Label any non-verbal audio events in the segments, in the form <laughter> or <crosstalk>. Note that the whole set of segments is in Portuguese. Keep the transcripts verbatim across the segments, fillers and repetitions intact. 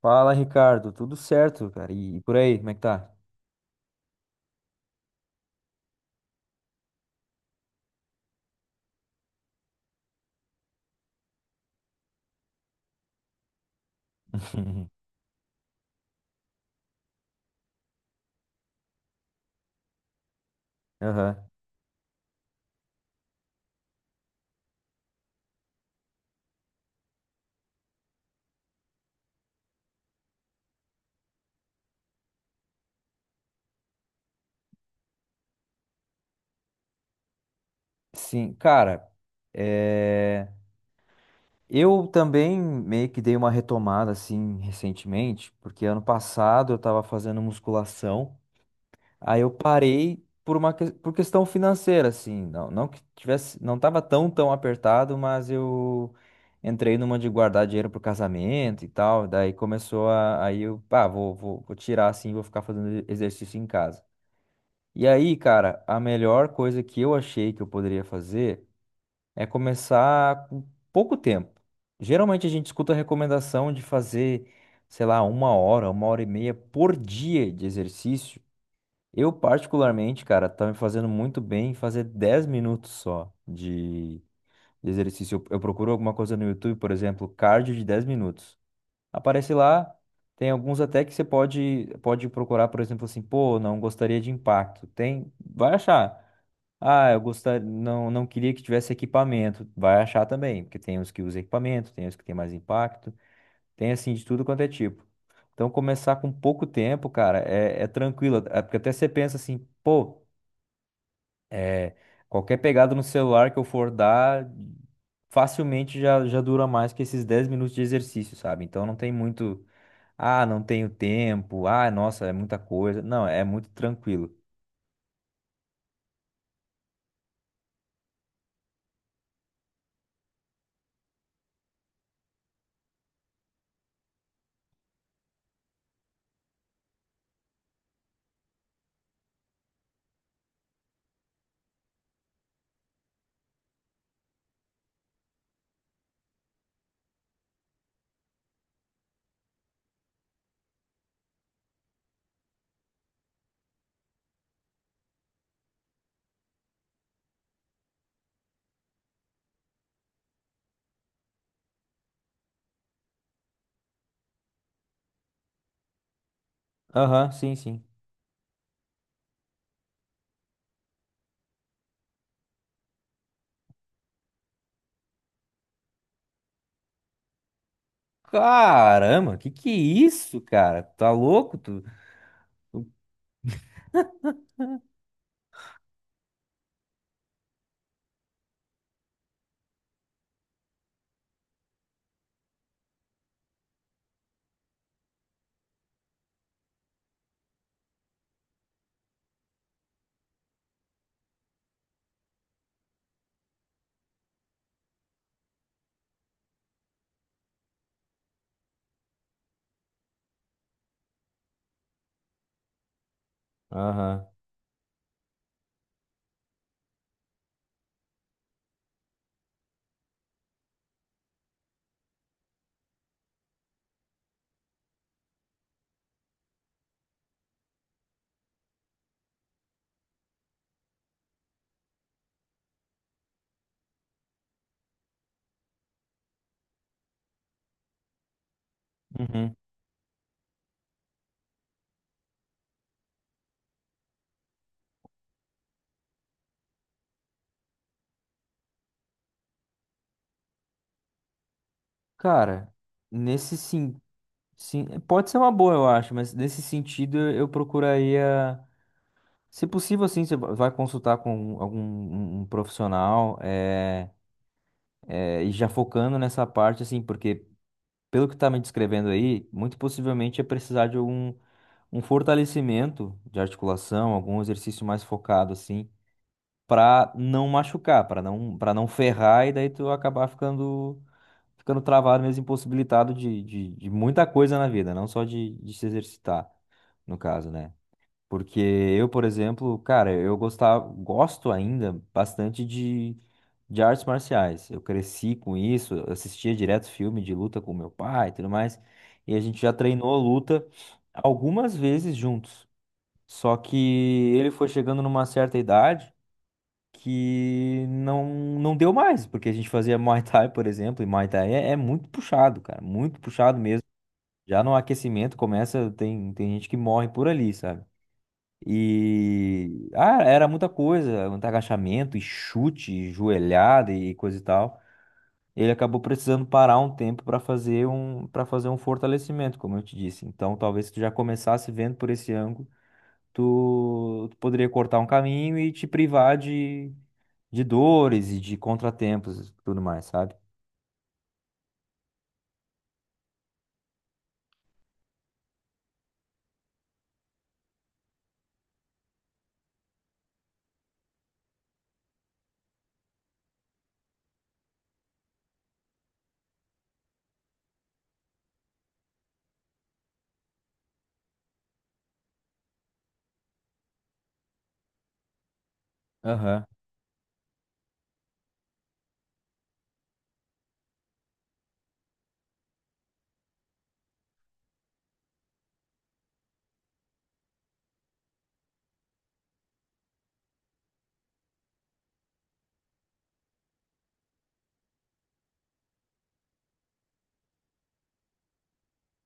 Fala, Ricardo. Tudo certo, cara? E, e por aí, como é que tá? <laughs> Aham. Sim, cara, é, eu também meio que dei uma retomada assim recentemente, porque ano passado eu tava fazendo musculação, aí eu parei por uma que- por questão financeira, assim, não, não que tivesse, não tava tão tão apertado, mas eu entrei numa de guardar dinheiro pro casamento e tal, daí começou a, aí eu, pá, vou, vou, vou tirar assim, vou ficar fazendo exercício em casa. E aí, cara, a melhor coisa que eu achei que eu poderia fazer é começar com pouco tempo. Geralmente a gente escuta a recomendação de fazer, sei lá, uma hora, uma hora e meia por dia de exercício. Eu, particularmente, cara, tá me fazendo muito bem fazer dez minutos só de de exercício. Eu, eu procuro alguma coisa no YouTube, por exemplo, cardio de dez minutos. Aparece lá, tem alguns até que você pode, pode procurar, por exemplo, assim, pô, não gostaria de impacto. Tem, vai achar. Ah, eu gostaria, não, não queria que tivesse equipamento. Vai achar também, porque tem os que usam equipamento, tem os que tem mais impacto, tem assim de tudo quanto é tipo. Então começar com pouco tempo, cara, é, é tranquilo. É porque até você pensa assim, pô. É, qualquer pegada no celular que eu for dar, facilmente já, já dura mais que esses dez minutos de exercício, sabe? Então não tem muito, ah, não tenho tempo, ah, nossa, é muita coisa. Não, é muito tranquilo. Aham, sim, sim. Caramba, que que é isso, cara? Tá louco? Tu... tu- Aham. Uhum. Cara, nesse sim, sim, pode ser uma boa, eu acho, mas nesse sentido eu procuraria. Se possível, assim, você va- vai consultar com algum um- um profissional é, é, e já focando nessa parte, assim, porque pelo que está me descrevendo aí, muito possivelmente é precisar de algum um fortalecimento de articulação, algum exercício mais focado, assim, para não machucar, para não para não ferrar e daí tu acabar ficando ficando travado mesmo, impossibilitado de, de, de muita coisa na vida, não só de, de se exercitar, no caso, né? Porque eu, por exemplo, cara, eu gostava, gosto ainda bastante de, de artes marciais. Eu cresci com isso, eu assistia direto filme de luta com meu pai e tudo mais. E a gente já treinou luta algumas vezes juntos. Só que ele foi chegando numa certa idade que não, não deu mais, porque a gente fazia Muay Thai, por exemplo, e Muay Thai é, é muito puxado, cara, muito puxado mesmo. Já no aquecimento começa, tem, tem gente que morre por ali, sabe? E ah, era muita coisa, muito agachamento e chute, e joelhada e coisa e tal. Ele acabou precisando parar um tempo para fazer um para fazer um fortalecimento, como eu te disse. Então, talvez se tu já começasse vendo por esse ângulo, tu, tu poderia cortar um caminho e te privar de, de dores e de contratempos e tudo mais, sabe? Aham.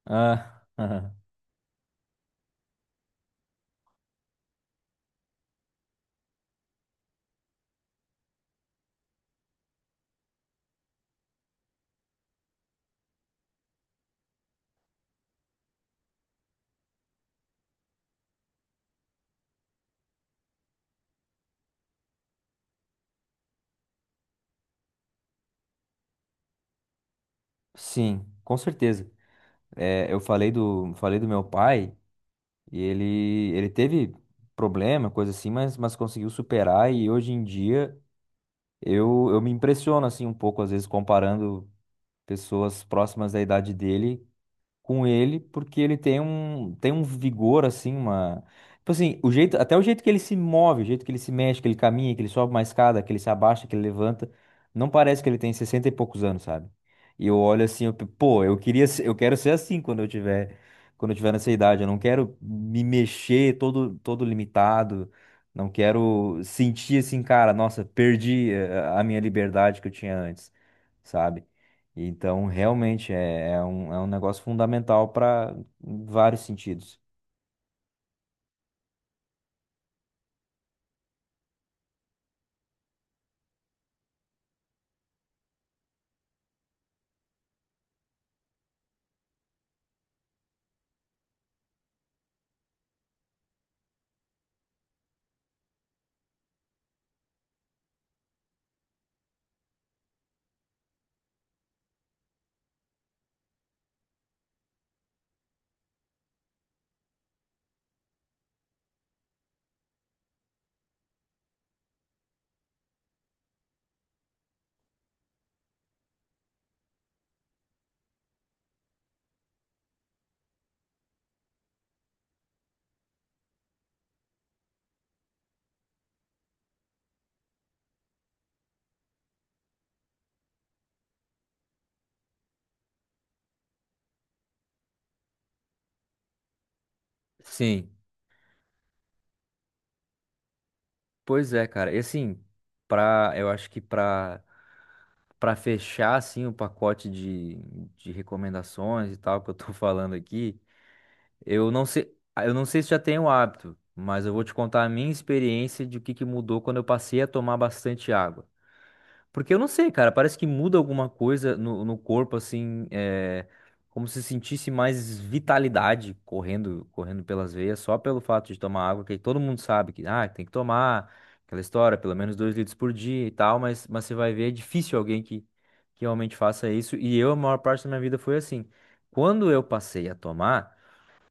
Ah, <laughs> aham. Sim, com certeza. É, eu falei do falei do meu pai. E ele, ele teve problema, coisa assim, mas, mas conseguiu superar. E hoje em dia eu, eu me impressiono assim um pouco, às vezes, comparando pessoas próximas da idade dele com ele, porque ele tem um, tem um vigor, assim, uma. Tipo assim, o jeito, até o jeito que ele se move, o jeito que ele se mexe, que ele caminha, que ele sobe uma escada, que ele se abaixa, que ele levanta, não parece que ele tem sessenta e poucos anos, sabe? E eu olho assim, eu, pe- pô, eu queria, ser- eu quero ser assim quando eu tiver, quando eu tiver nessa idade, eu não quero me mexer todo, todo limitado. Não quero sentir assim, cara, nossa, perdi eh, a minha liberdade que eu tinha antes, sabe? Então, realmente é, é um, é um negócio fundamental para vários sentidos. Sim, pois é, cara. E assim, pra, eu acho que pra, pra fechar assim o pacote de, de recomendações e tal que eu tô <laughs> falando aqui, eu não sei, eu não sei se já tenho hábito, mas eu vou te contar a minha experiência de o que que mudou quando eu passei a tomar bastante água. Porque eu não sei, cara, parece que muda alguma coisa no, no corpo, assim, é, como se sentisse mais vitalidade correndo, correndo pelas veias, só pelo fato de tomar água, que todo mundo sabe que, ah, tem que tomar aquela história, pelo menos dois litros por dia e tal, mas, mas você vai ver, é difícil alguém que, que realmente faça isso, e eu, a maior parte da minha vida foi assim. Quando eu passei a tomar,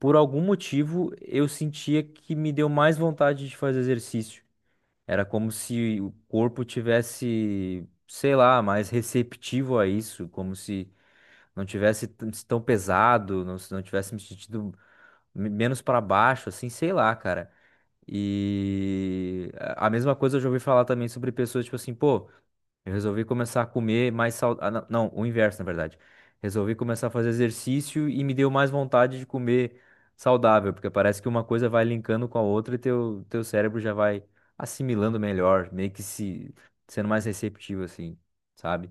por algum motivo, eu sentia que me deu mais vontade de fazer exercício. Era como se o corpo tivesse, sei lá, mais receptivo a isso, como se não tivesse t- tão pesado, não, se não tivesse me sentido me- menos para baixo, assim, sei lá, cara. E a a mesma coisa eu já ouvi falar também sobre pessoas, tipo assim, pô, eu resolvi começar a comer mais saudável. Não, o inverso, na verdade. Resolvi começar a fazer exercício e me deu mais vontade de comer saudável, porque parece que uma coisa vai linkando com a outra e teu, teu cérebro já vai assimilando melhor, meio que se sendo mais receptivo, assim, sabe?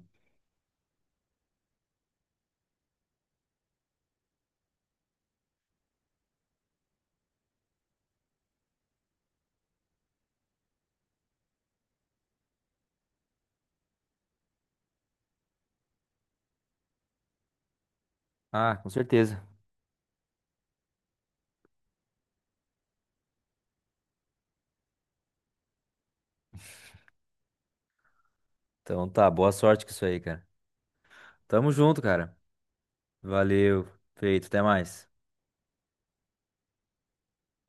Ah, com certeza. Então tá, boa sorte com isso aí, cara. Tamo junto, cara. Valeu, feito, até mais.